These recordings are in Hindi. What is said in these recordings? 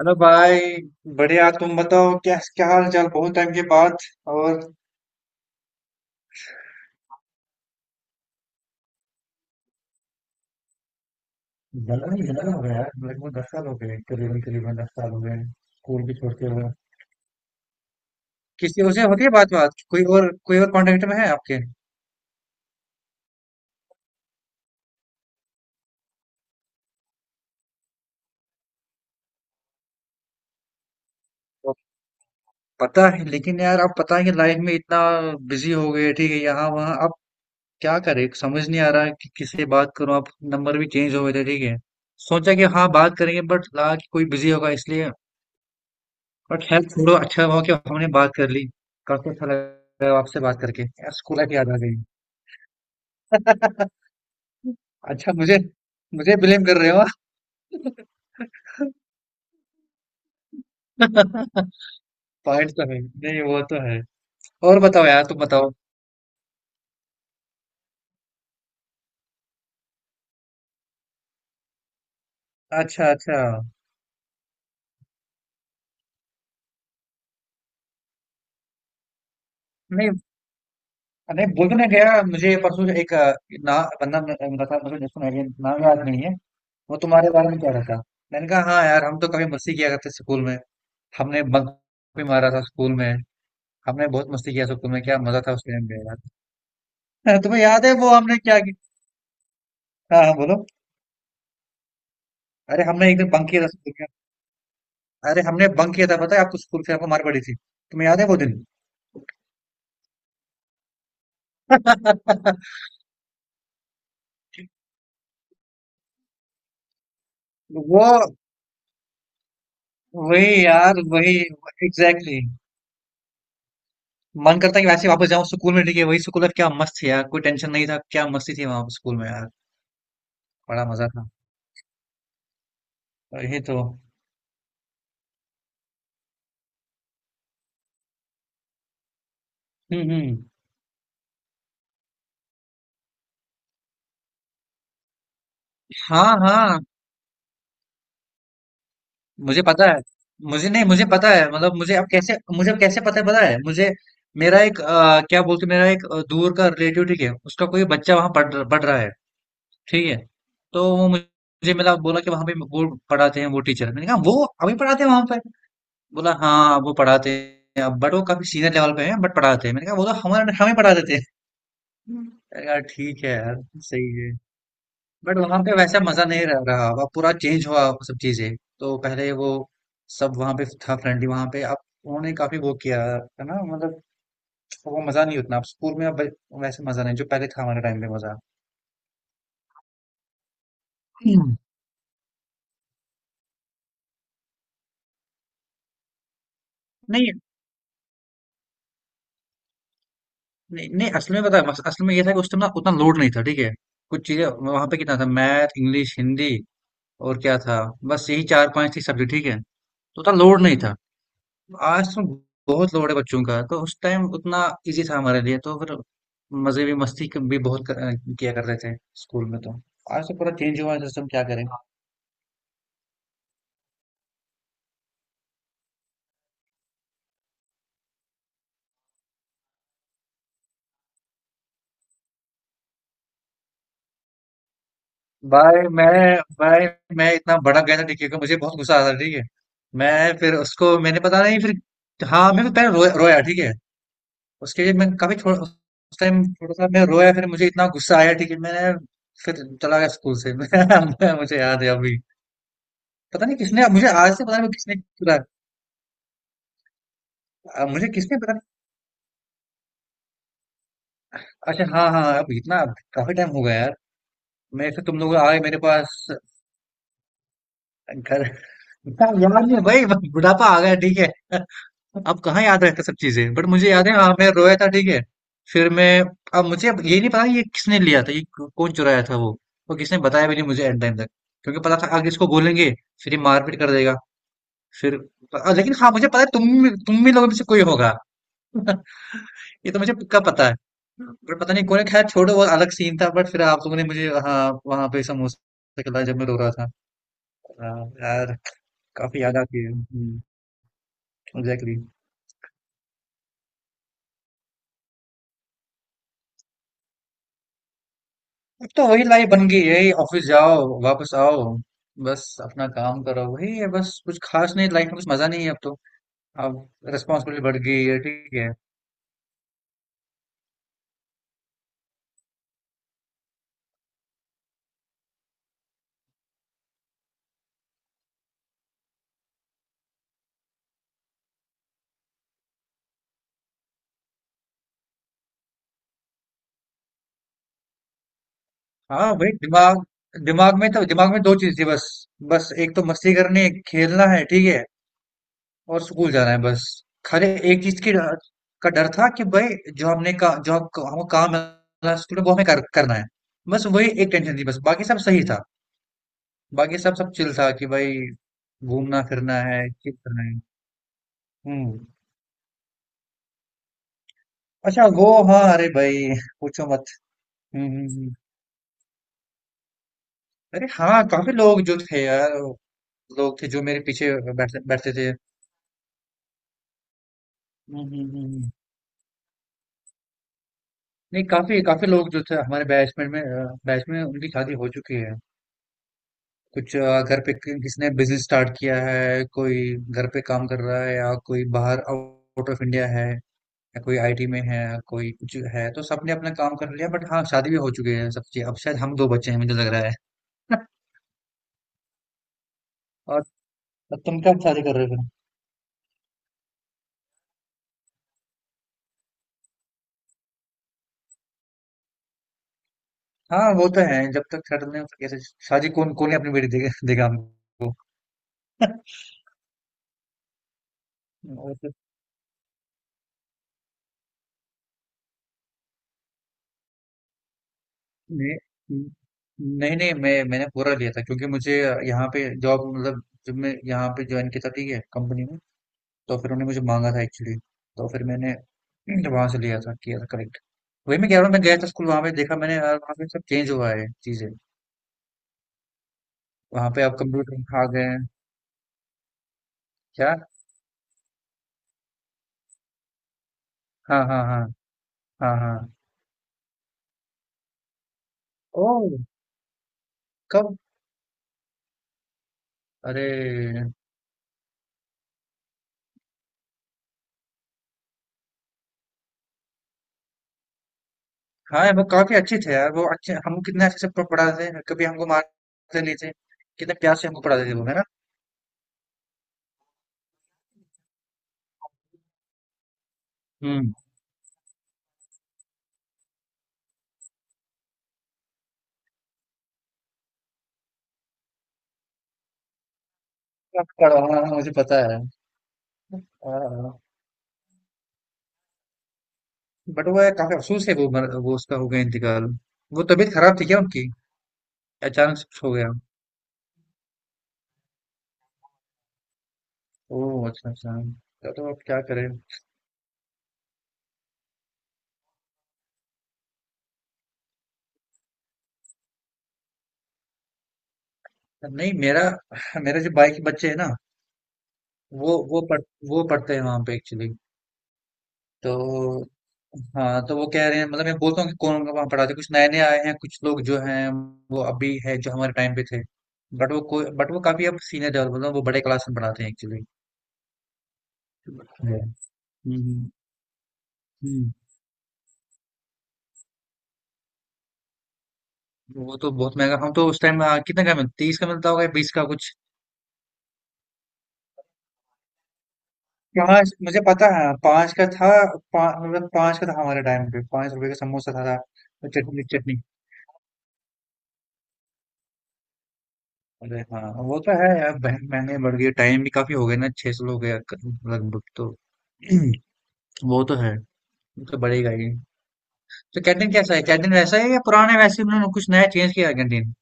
हेलो भाई। बढ़िया, तुम बताओ क्या क्या हाल चाल, बहुत टाइम के बाद। और जलन ही जलन हो गया यार, लगभग 10 साल हो गए, करीबन करीबन 10 साल हो गए स्कूल भी छोड़ते हुए। किसी और से होती है बात, कोई और कांटेक्ट में है आपके? वो पता है, लेकिन यार आप पता है कि लाइफ में इतना बिजी हो गए, ठीक है, यहाँ वहाँ अब क्या करें, समझ नहीं आ रहा है कि किससे बात करूं अब। नंबर भी चेंज हो गए थे, ठीक है। सोचा कि हाँ बात करेंगे, बट लगा कि कोई बिजी होगा, इसलिए। बट हेल्थ छोड़ो, अच्छा हुआ कि हमने बात कर ली। काफी अच्छा लगा आपसे बात करके यार, स्कूल लाइफ याद आ गई। अच्छा, मुझे मुझे ब्लेम कर रहे हो? पॉइंट तो है नहीं, वो तो है। और बताओ यार, तुम बताओ। अच्छा अच्छा। नहीं नहीं, बोल तो नहीं गया मुझे। परसों एक बंदा मिला मिला था मुझे, जिसको मैं नाम याद नहीं है। वो तुम्हारे बारे में कह रहा था। मैंने कहा हाँ यार, हम तो कभी मस्ती किया करते स्कूल में, हमने बंक भी मारा था स्कूल में, हमने बहुत मस्ती किया स्कूल में, क्या मजा था उस टाइम पे। हाँ, तुम्हें याद है वो हमने क्या किया? हाँ हाँ, बोलो। अरे हमने एक दिन बंक किया था स्कूल में, अरे हमने बंक किया था, पता है आपको स्कूल से आपको मार पड़ी थी, तुम्हें याद है वो दिन? वो वही यार, वही एग्जैक्टली, exactly. मन करता है कि वैसे ही वापस जाऊं स्कूल में, ठीक है, वही स्कूल लाइफ क्या मस्त थी यार, कोई टेंशन नहीं था, क्या मस्ती थी वहां स्कूल में यार। बड़ा मजा था। और ये तो हम्म। हाँ हाँ, मुझे पता है। मुझे नहीं, मुझे पता है, मतलब मुझे अब कैसे पता है, पता है मुझे। मेरा एक मेरा एक दूर का रिलेटिव, ठीक है, उसका कोई बच्चा वहां पढ़ रहा है, ठीक है। तो वो मुझे मुझे मिला बोला कि वहां पे वो पढ़ाते हैं वो टीचर। मैंने कहा वो अभी पढ़ाते हैं वहां पे? बोला हाँ, वो पढ़ाते हैं अब, बट वो काफी सीनियर लेवल पे हैं, बट पढ़ाते हैं। मैंने कहा वो तो हमारे हमें पढ़ा देते हैं। मैंने कहा ठीक है यार, सही है। बट वहां पे वैसा मजा नहीं रह रहा अब, पूरा चेंज हुआ वो सब चीजें। तो पहले वो सब वहां पे था फ्रेंडली, वहां पे अब उन्होंने काफी वो किया है ना, मतलब वो मजा नहीं उतना अब स्कूल में, अब वैसे मजा नहीं जो पहले था हमारे टाइम पे मजा। हम्म। नहीं नहीं नहीं, असल में पता है, बस असल में ये था कि उस टाइम ना उतना लोड नहीं था, ठीक है। कुछ चीजें वहां पे कितना था, मैथ, इंग्लिश, हिंदी, और क्या था, बस यही चार पांच थी सब्जेक्ट, ठीक है। तो उतना लोड नहीं था, आज तो बहुत लोड है बच्चों का, तो उस टाइम उतना इजी था हमारे लिए, तो फिर मजे भी, भी बहुत किया करते थे स्कूल में, तो आज तो पूरा चेंज हुआ है सिस्टम, क्या करें। भाई मैं भाई मैं इतना भड़क गया था टीके को, मुझे बहुत गुस्सा आ रहा था, ठीक है। मैं फिर उसको मैंने पता नहीं, फिर हाँ मैं फिर पहले रोया रोया, ठीक है। उसके लिए मैं काफी, थोड़ा उस टाइम थोड़ा सा मैं रोया, फिर मुझे इतना गुस्सा आया, ठीक है, मैंने फिर चला गया स्कूल से। मुझे याद है अभी। पता नहीं किसने मुझे, आज से पता नहीं किसने, मुझे किसने पता नहीं। अच्छा हाँ हाँ, अब इतना काफी टाइम हो गया यार। मैं फिर तुम लोग आ गए मेरे पास घर, इतना याद नहीं भाई, बुढ़ापा आ गया, ठीक है। अब कहाँ याद रहता सब चीजें, बट मुझे याद है हाँ मैं रोया था, ठीक है। फिर मैं, अब मुझे अब ये नहीं पता ये किसने लिया था, ये कौन चुराया था वो, और किसने बताया भी नहीं मुझे एंड टाइम तक, क्योंकि पता था आगे इसको बोलेंगे फिर ये मारपीट कर देगा फिर। लेकिन हाँ मुझे पता है, तुम भी लोगों में से कोई होगा। ये तो मुझे पक्का पता है, पर पता नहीं कौन, खैर छोड़ो, वो अलग सीन था, बट फिर आप लोगों ने मुझे हाँ वहां पे समोसे खिलाए जब मैं रो रहा था। हाँ, यार, काफी याद आती है, एग्जैक्टली। अब तो वही लाइफ बन गई है, ऑफिस जाओ वापस आओ, बस अपना काम करो, वही है बस, कुछ खास नहीं, लाइफ में कुछ मजा नहीं है अब तो, अब रिस्पॉन्सिबिलिटी बढ़ गई है, ठीक है। हाँ वही, दिमाग दिमाग में तो, दिमाग में दो चीज थी बस, बस एक तो मस्ती करनी है खेलना है, ठीक है, और स्कूल जाना है बस। खाली एक चीज़ की डर का डर था कि भई जो हमने का जो हम काम मिला स्कूल में वो हमें करना है। बस वही एक टेंशन थी बस, बाकी सब सही था। बाकी सब सब चिल था कि भई घूमना-फिरना है, चिल करना है। हुँ। अच्छा वो हाँ, अरे भई पूछो मत। हुँ, हुँ, हुँ। अरे हाँ, काफ़ी लोग जो थे यार, लोग थे जो मेरे पीछे बैठते बैठते थे। हुँ, हुँ, हुँ, हुँ। नहीं काफ़ी काफ़ी लोग जो थे हमारे बैच में बैच में उनकी शादी हो चुकी है। कुछ घर पे किसने बिजनेस स्टार्ट किया है, कोई घर पे काम कर रहा है, या कोई बाहर आउट ऑफ इंडिया है, या कोई आईटी में है, या कोई कुछ है, तो सबने अपना काम कर लिया, बट हाँ शादी भी हो चुकी है सबकी, अब शायद हम दो बच्चे हैं मुझे लग रहा है। और तुम कब शादी कर रहे हो? हाँ वो तो है, जब तक सेटल नहीं होता कैसे शादी, कौन कौन ही अपनी बेटी देगा देगा हमको। और तो नहीं नहीं नहीं, मैं, मैंने पूरा लिया था, क्योंकि मुझे यहाँ पे जॉब, मतलब जब मैं यहाँ पे ज्वाइन किया था, ठीक है, कंपनी में, तो फिर उन्होंने मुझे मांगा था एक्चुअली, तो फिर मैंने वहाँ से लिया था, किया था करेक्ट। वही मैं कह रहा हूँ, मैं गया था स्कूल वहाँ पे, देखा मैंने यार वहाँ पे सब चेंज हुआ है चीजें, वहाँ पे अब कंप्यूटर आ गए हैं। क्या? हाँ हाँ हाँ। हाँ हाँ। ओ, कब? अरे हाँ वो काफी अच्छे थे यार, वो अच्छे, हमको कितने अच्छे से पढ़ाते थे, कभी हमको मारते नहीं थे, कितने प्यार से हमको पढ़ाते थे वो, है ना? हम्म। अब पढ़ा, हाँ हाँ, मुझे पता है। हाँ, बट वो है, काफी अफसोस है वो, वो उसका हो गया इंतकाल। वो तबीयत खराब थी क्या उनकी, अचानक शिफ्ट हो गया? ओह अच्छा अच्छा, तो अब क्या करें। नहीं मेरा, मेरे जो बाइक बच्चे हैं ना, वो पढ़ वो पढ़ते हैं वहाँ पे एक्चुअली। तो हाँ, तो वो कह रहे हैं, मतलब मैं बोलता हूँ कि कौन वहाँ पढ़ाते, कुछ नए नए आए हैं, कुछ लोग जो हैं वो अभी है जो हमारे टाइम पे थे, बट वो कोई, बट वो काफी अब सीनियर लेवल, मतलब वो बड़े क्लास में पढ़ाते हैं एक्चुअली। हम्म हम्म, हम्म। वो तो बहुत महंगा, हम तो उस टाइम, कितने का मिलता, 30 का मिलता होगा या 20 का कुछ? पाँच, मुझे पता है 5 का था, मतलब 5 का था हमारे टाइम पे, 5 रुपए का समोसा था, था। और चटनी चटनी अरे हाँ वो तो है यार, महंगाई बढ़ गई है, टाइम भी काफी हो गया ना, 600 हो गया क- लगभग तो। वो तो है, वो तो बढ़ेगा ही। तो कैंटीन कैसा है, कैंटीन वैसा है या पुराने वैसे ही, उन्होंने कुछ नया चेंज किया है कैंटीन?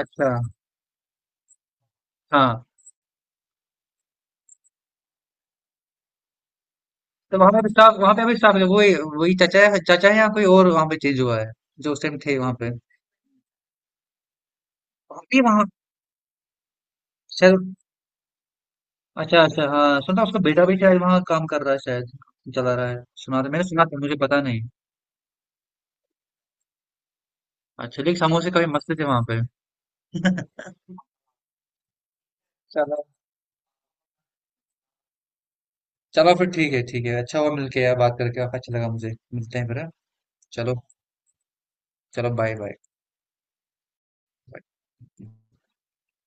अच्छा हाँ, तो वहां पे भी स्टाफ है, वही वही चाचा है, या कोई और वहां पे चेंज हुआ है, जो उस टाइम थे वहां पे? हम भी वहां। अच्छा अच्छा, हाँ सुना उसका बेटा भी शायद वहाँ काम कर रहा है शायद, चला रहा है। सुना था, मुझे पता नहीं। अच्छा लेकिन समोसे काफी मस्त थे वहाँ पे। चलो, चलो फिर ठीक है, ठीक है, अच्छा हुआ मिलके यार, बात करके अच्छा लगा मुझे, मिलते हैं फिर, हाँ? चलो। चलो बाय। बाय।